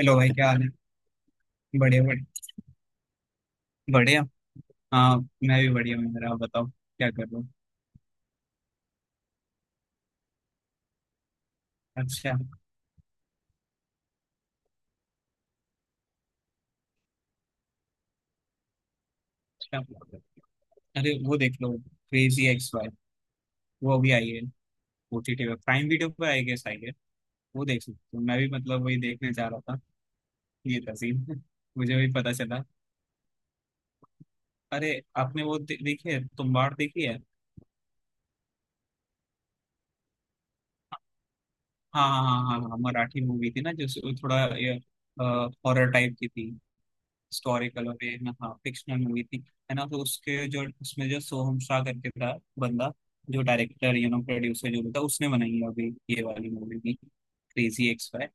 Hello भाई, क्या हाल है। बढ़िया बढ़िया। बढ़िया। हाँ, मैं भी बढ़िया हूँ। मेरा आप बताओ, क्या कर रहे हो। अच्छा। अच्छा। अरे, वो देख लो, क्रेजी एक्स वाई। वो अभी आई है। ओटीटी पे, प्राइम वीडियो पे आई गेस आई है। वो देख सकते हो, मैं भी मतलब वही देखने जा रहा था। ये था scene। मुझे भी पता चला। अरे, आपने वो देखी है, तुम्बाड़ देखी है। हाँ हाँ हाँ हाँ हाँ, मराठी मूवी थी ना जो थोड़ा हॉरर टाइप की थी। हिस्टोरिकल और ये। हाँ, फिक्शनल मूवी थी, है ना। तो उसके जो, उसमें जो सोहम शाह करके था बंदा, जो डायरेक्टर यू नो प्रोड्यूसर जो भी था, उसने बनाई है अभी ये वाली मूवी भी, क्रेजी एक्स फाइव।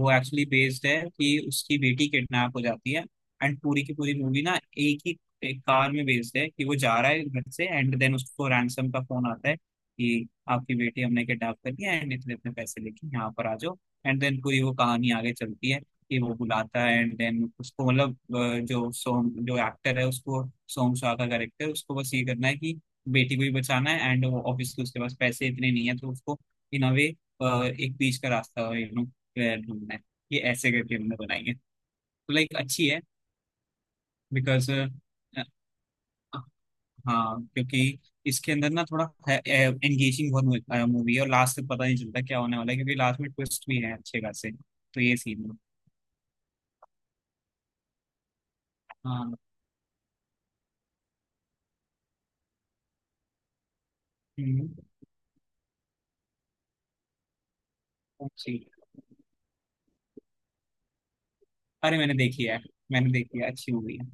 वो एक्चुअली बेस्ड है कि उसकी बेटी किडनैप हो जाती है। एंड पूरी की पूरी मूवी ना एक ही, एक कार में बेस्ड है कि वो जा रहा है घर से, एंड देन उसको रैंसम का फोन आता है कि आपकी बेटी हमने किडनैप कर लिया, एंड इतने इतने पैसे लेके यहाँ पर आ जाओ। एंड देन पूरी वो कहानी आगे चलती है कि वो बुलाता है, एंड देन उसको मतलब जो सोम, जो एक्टर है, उसको सोम शाह का कैरेक्टर, उसको बस ये करना है कि बेटी को भी बचाना है, एंड वो ऑब्वियसली उसके पास पैसे इतने नहीं है, तो उसको इन अ वे एक बीच का रास्ता, यू नो, ढूंढना है। ये ऐसे करके हमने बनाई है, तो लाइक अच्छी है। बिकॉज, हाँ, क्योंकि इसके अंदर ना थोड़ा एंगेजिंग बहुत मूवी है, और लास्ट तक पता नहीं चलता क्या होने वाला है, क्योंकि लास्ट में ट्विस्ट भी है अच्छे खासे। तो ये सीन है। हाँ। हम्म, अच्छी। अरे, मैंने देखी है। मैंने देखी है, अच्छी मूवी है।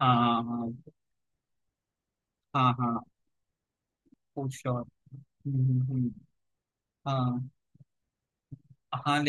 हाँ हाँ हाँ हाँ। For sure. हाँ हाँ।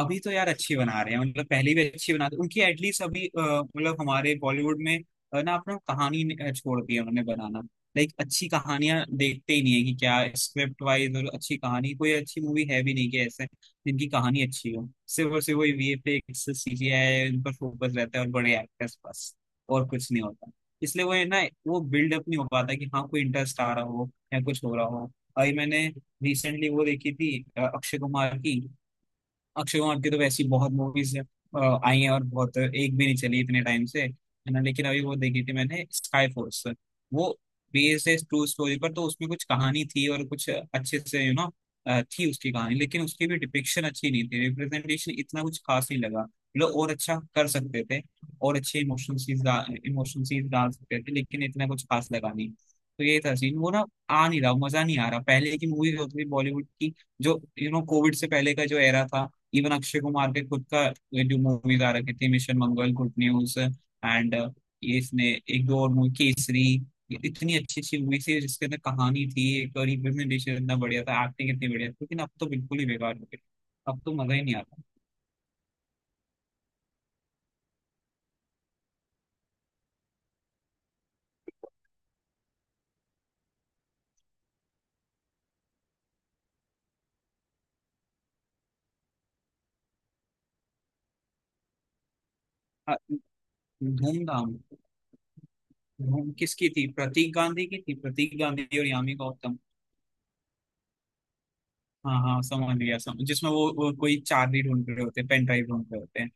अभी तो यार अच्छी बना रहे हैं, मतलब पहले भी अच्छी बनाते उनकी, एटलीस्ट। अभी मतलब हमारे बॉलीवुड में ना अपना छोड़ दी है उन्होंने बनाना। लाइक अच्छी कहानियां देखते ही नहीं है कि क्या स्क्रिप्ट वाइज, और अच्छी कहानी कोई अच्छी मूवी है भी नहीं कि ऐसे जिनकी कहानी अच्छी हो। सिर्फ और सिर्फ वही वीएफएक्स, सीजीआई, उन पर फोकस रहता है और बड़े एक्टर्स बस। और कुछ नहीं होता। इसलिए वो है ना, वो बिल्डअप नहीं हो पाता कि हाँ कोई इंटरेस्ट आ रहा हो या कुछ हो रहा हो। अभी मैंने रिसेंटली वो देखी थी, अक्षय कुमार की। अक्षय कुमार की तो वैसी बहुत मूवीज आई हैं, और बहुत, एक भी नहीं चली इतने टाइम से, है ना, लेकिन अभी वो देखी थी मैंने, स्काई फोर्स। वो बेस्ड है ट्रू स्टोरी पर, तो उसमें कुछ कहानी थी और कुछ अच्छे से, यू नो, थी उसकी कहानी। लेकिन उसकी भी डिपिक्शन अच्छी नहीं थी, रिप्रेजेंटेशन इतना कुछ खास नहीं लगा। लोग और अच्छा कर सकते थे, और अच्छे इमोशनल सीन्स, इमोशनल सीन्स डाल सकते थे, लेकिन इतना कुछ खास लगा नहीं। तो ये था सीन। वो ना आ नहीं रहा, मजा नहीं आ रहा। पहले की मूवीज होती थी बॉलीवुड की, जो यू नो कोविड से पहले का जो एरा था। इवन अक्षय कुमार के खुद का ये जो मूवीज आ रखी थी, mission Mangal, good news, and ये इसने एक दो और मूवी, केसरी। ये इतनी अच्छी अच्छी मूवी थी जिसके अंदर कहानी थी एक, और रिप्रेजेंटेशन इतना बढ़िया था, एक्टिंग इतनी बढ़िया थी, लेकिन अब तो बिल्कुल ही बेकार हो गई। अब तो मजा ही नहीं आता। हाँ, धूमधाम। धूम किसकी थी, प्रतीक गांधी की थी, प्रतीक गांधी और यामी गौतम। हाँ हाँ, समझ गया। समझ जिसमें वो कोई चाबी ढूंढ रहे होते, पेन ड्राइव ढूंढ रहे होते हैं।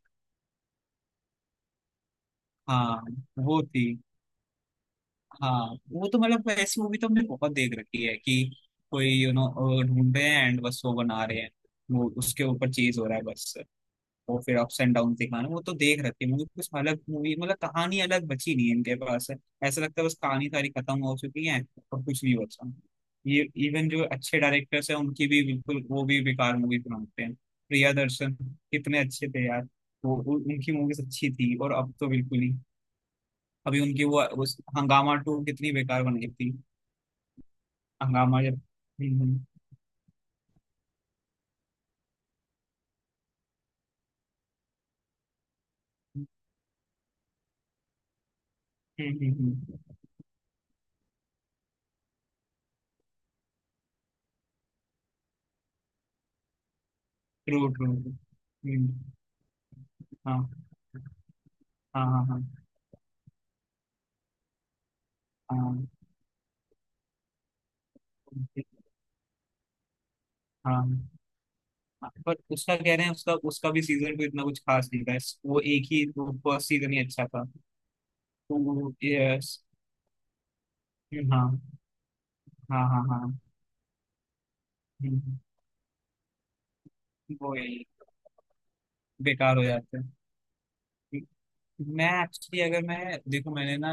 हाँ, वो थी। हाँ, वो तो मतलब ऐसी मूवी तो हमने बहुत देख रखी है कि कोई, यू नो, ढूंढ रहे हैं, एंड बस वो बना रहे हैं, वो उसके ऊपर चीज हो रहा है बस। और फिर अप्स एंड डाउन दिखाना, वो तो देख रखी है। मुझे कुछ अलग मूवी मतलब कहानी अलग बची नहीं है इनके पास। ऐसा लगता है बस कहानी सारी खत्म हो चुकी है, और कुछ नहीं बचा। ये इवन जो अच्छे डायरेक्टर्स हैं उनकी भी बिल्कुल, वो भी बेकार मूवी बनाते हैं, प्रिया दर्शन कितने अच्छे थे यार। वो उनकी मूवीज अच्छी थी, और अब तो बिल्कुल ही। अभी उनकी वो, उस हंगामा 2 कितनी बेकार बन गई थी। हंगामा जब। True true. हाँ हाँ हाँ हाँ हाँ हाँ हाँ। पर उसका कह रहे हैं, उसका उसका भी सीजन तो इतना कुछ खास नहीं था, वो एक ही वो फर्स्ट सीजन ही अच्छा था। तो वो यस। हाँ हाँ हाँ हाँ। हम्म, वो ही बेकार हो जाता है। मैं एक्चुअली, अगर मैं देखो, मैंने ना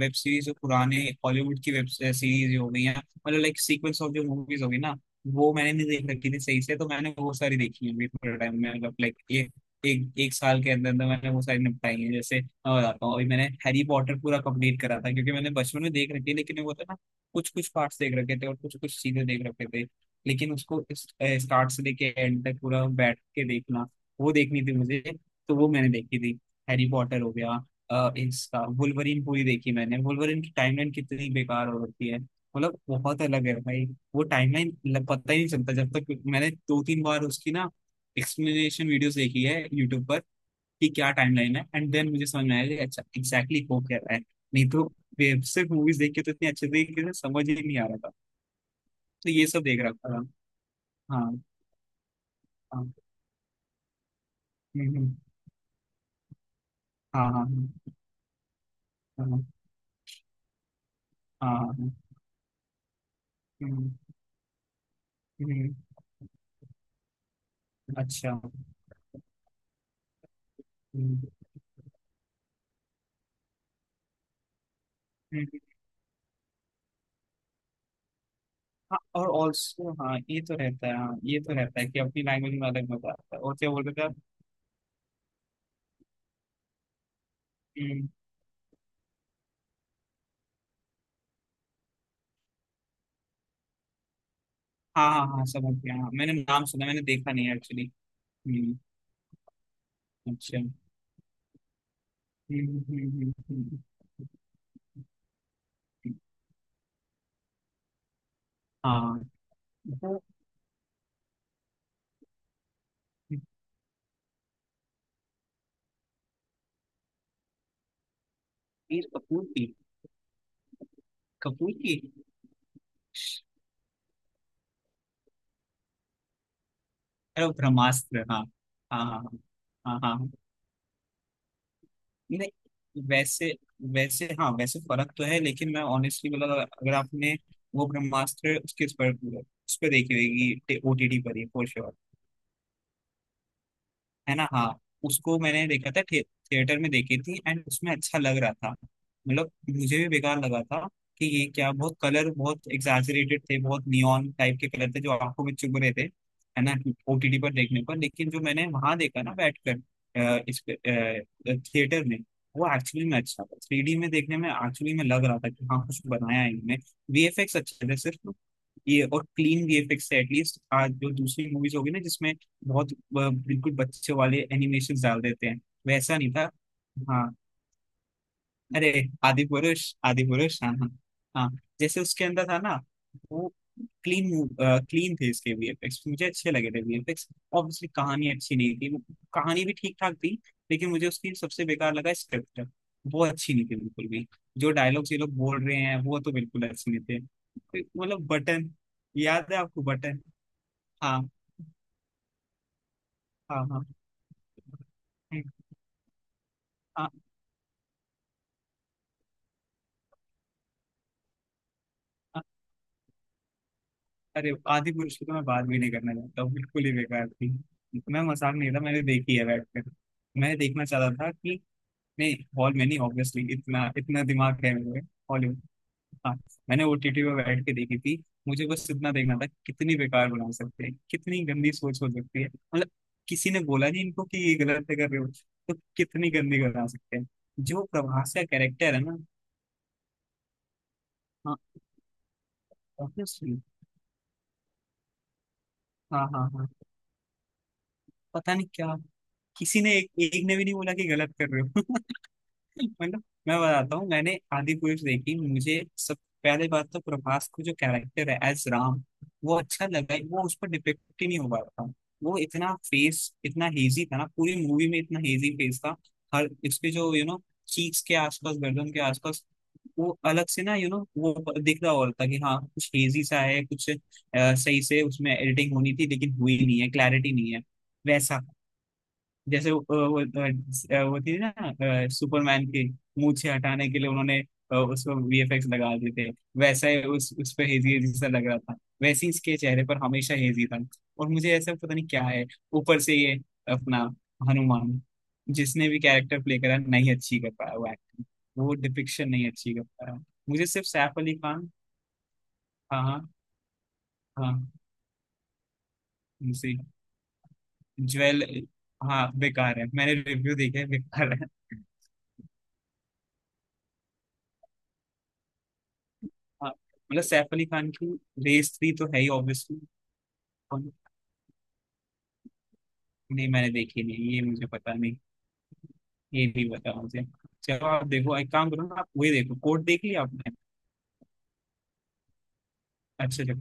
वेब सीरीज जो पुराने हॉलीवुड की वेब सीरीज हो गई हैं, मतलब लाइक सीक्वेंस ऑफ जो मूवीज होगी ना, वो मैंने नहीं देख रखी थी सही से। तो मैंने वो सारी देखी है अभी थोड़े टाइम में, मतलब लाइक एक, एक एक साल के अंदर अंदर मैंने वो सारी निपटाई है। जैसे मैं बताता हूँ, अभी मैंने हैरी पॉटर पूरा कंप्लीट करा था, क्योंकि मैंने बचपन में देख रखी, लेकिन वो था ना कुछ कुछ पार्ट्स देख रखे थे और कुछ कुछ चीजें देख रखे थे, लेकिन उसको स्टार्ट से लेके एंड तक पूरा बैठ के देखना, वो देखनी थी मुझे। तो वो मैंने देखी थी, हैरी पॉटर हो गया। इसका वुल्वरीन पूरी देखी मैंने। वुल्वरीन की टाइमलाइन कितनी बेकार हो रखी है, मतलब बहुत अलग है भाई वो टाइमलाइन। पता ही नहीं चलता, जब तक मैंने दो तीन बार उसकी ना एक्सप्लेनेशन वीडियोस देखी है यूट्यूब पर कि क्या टाइमलाइन है, एंड देन मुझे समझ में आया कि अच्छा एग्जैक्टली वो कह रहा है। नहीं तो सिर्फ मूवीज देख के तो इतनी अच्छे तरीके से समझ ही नहीं आ रहा था। तो ये सब देख रखा था। हाँ। हाँ। हम्म। हम्म। हाँ हाँ हाँ हाँ हाँ। हाँ, हम्म। हम्म। अच्छा। हम्म। हाँ, और ऑल्सो हाँ ये तो रहता है, हाँ ये तो रहता है कि अपनी लैंग्वेज में अलग मजा आता है। और क्या बोल रहे थे आप। हम्म। हाँ हाँ हाँ, समझ गया। हाँ, मैंने नाम सुना, मैंने देखा नहीं एक्चुअली। हम्म। अच्छा। हम्म। हम्म। हम्म। हम्म। हम्म। हाँ, वो रणबीर कपूर की। कपूर की। अरे वो ब्रह्मास्त्र, हाँ। हाँ हाँ। हाँ हाँ हाँ। नहीं वैसे, वैसे हाँ वैसे फर्क तो है, लेकिन मैं ऑनेस्टली बोला तो, अगर आपने वो ब्रह्मास्त्र उसके उस पर, उस पर देखी होगी ओटीटी पर ही फॉर, है ना। हाँ। उसको मैंने देखा था, थिएटर में देखी थी, एंड उसमें अच्छा लग रहा था। मतलब मुझे भी बेकार लगा था कि ये क्या बहुत कलर, बहुत एग्जैजरेटेड थे, बहुत नियॉन टाइप के कलर थे जो आंखों में चुभ रहे थे, है ना, ओटीटी पर देखने पर। लेकिन जो मैंने वहां देखा ना बैठकर इस थिएटर में, वो एक्चुअली में अच्छा था 3D में देखने में। एक्चुअली में लग रहा था कि हाँ कुछ बनाया है इनमें, वीएफएक्स अच्छे थे सिर्फ। ये और क्लीन वीएफएक्स है एटलीस्ट, आज जो दूसरी मूवीज होगी ना जिसमें बहुत बिल्कुल बच्चे वाले एनिमेशन डाल देते हैं, वैसा नहीं था। हाँ, अरे आदि पुरुष, आदि पुरुष, हाँ हाँ। हाँ, जैसे उसके अंदर था ना वो, क्लीन, क्लीन थे इसके वीएफएक्स, मुझे अच्छे लगे थे वीएफएक्स। ऑब्वियसली कहानी अच्छी नहीं थी वो, कहानी भी ठीक ठाक थी, लेकिन मुझे उसकी सबसे बेकार लगा स्क्रिप्ट। वो अच्छी नहीं थी बिल्कुल भी। जो डायलॉग्स ये लोग बोल रहे हैं वो तो बिल्कुल अच्छे नहीं थे। मतलब बटन, याद है आपको बटन। हाँ हाँ हाँ हाँ, हाँ, अरे आदि पुरुष की तो मैं बात भी नहीं करना चाहता हूँ, बिल्कुल ही बेकार थी। मैं, मजाक नहीं था, मैंने देखी है बैठ कर। मैं देखना चाहता था कि, नहीं, हॉल में नहीं ऑब्वियसली, इतना इतना दिमाग है मेरे। हॉलीवुड। हाँ। मैंने ओटीटी पे बैठ के देखी थी। मुझे बस इतना देखना था कि कितनी बेकार बना सकते हैं, कितनी गंदी सोच हो सकती है, मतलब किसी ने बोला नहीं इनको कि ये गलत है कर रहे हो, तो कितनी गंदी बना सकते हैं। जो प्रभास का कैरेक्टर है ना। हाँ। ऑब्वियसली। हाँ हाँ हाँ। पता नहीं क्या, किसी ने एक, एक ने भी नहीं बोला कि गलत कर रहे हो। मतलब मैं बताता हूँ, मैंने आदि पुरुष देखी, मुझे सब। पहले बात तो प्रभास को जो कैरेक्टर है एज राम, वो अच्छा लगा वो उस पर डिपिक्ट ही नहीं हो पा रहा था। वो इतना फेस इतना हेजी था ना, पूरी मूवी में इतना हेजी फेस था। हर इसके जो, यू नो, चीक्स के आसपास, गर्दन के आसपास, वो अलग से ना, यू नो, वो दिख रहा, हो रहा था कि हाँ कुछ हेजी सा है, कुछ सही से उसमें एडिटिंग होनी थी, लेकिन हुई नहीं है, क्लैरिटी नहीं है। वैसा जैसे वो थी ना सुपरमैन की मूछें हटाने के लिए उन्होंने उसको वीएफएक्स लगा दिए थे, वैसा ही उस पे हेजी हेजी सा लग रहा था, वैसे ही इसके चेहरे पर हमेशा हेजी था, और मुझे ऐसा पता नहीं क्या है। ऊपर से ये अपना हनुमान, जिसने भी कैरेक्टर प्ले करा नहीं अच्छी कर पाया, वो एक्टिंग, वो डिपिक्शन नहीं अच्छी कर पाया। मुझे सिर्फ सैफ अली खान, हाँ हाँ हाँ, उनसे, ज्वेल, हाँ बेकार है, मैंने रिव्यू देखे हैं, बेकार है। हाँ, मतलब सैफ अली खान की रेस 3 तो है ही ऑब्वियसली। नहीं, मैंने देखी नहीं, ये मुझे पता नहीं, ये भी पता मुझे। चलो, आप देखो, एक काम करो ना, आप वही देखो, कोर्ट देख लिया आपने। अच्छा चलो।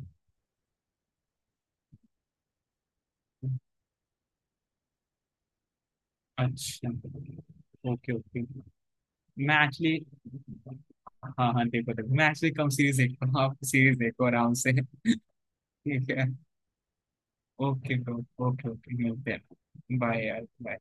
अच्छा। Okay okay. मैं एक्चुअली, हाँ हाँ, देखो देखो, मैं एक्चुअली कम सीरीज देखता हूँ, आप सीरीज देखो आराम से। ठीक है। ओके। ओके ओके, मिलते हैं, बाय यार, bye।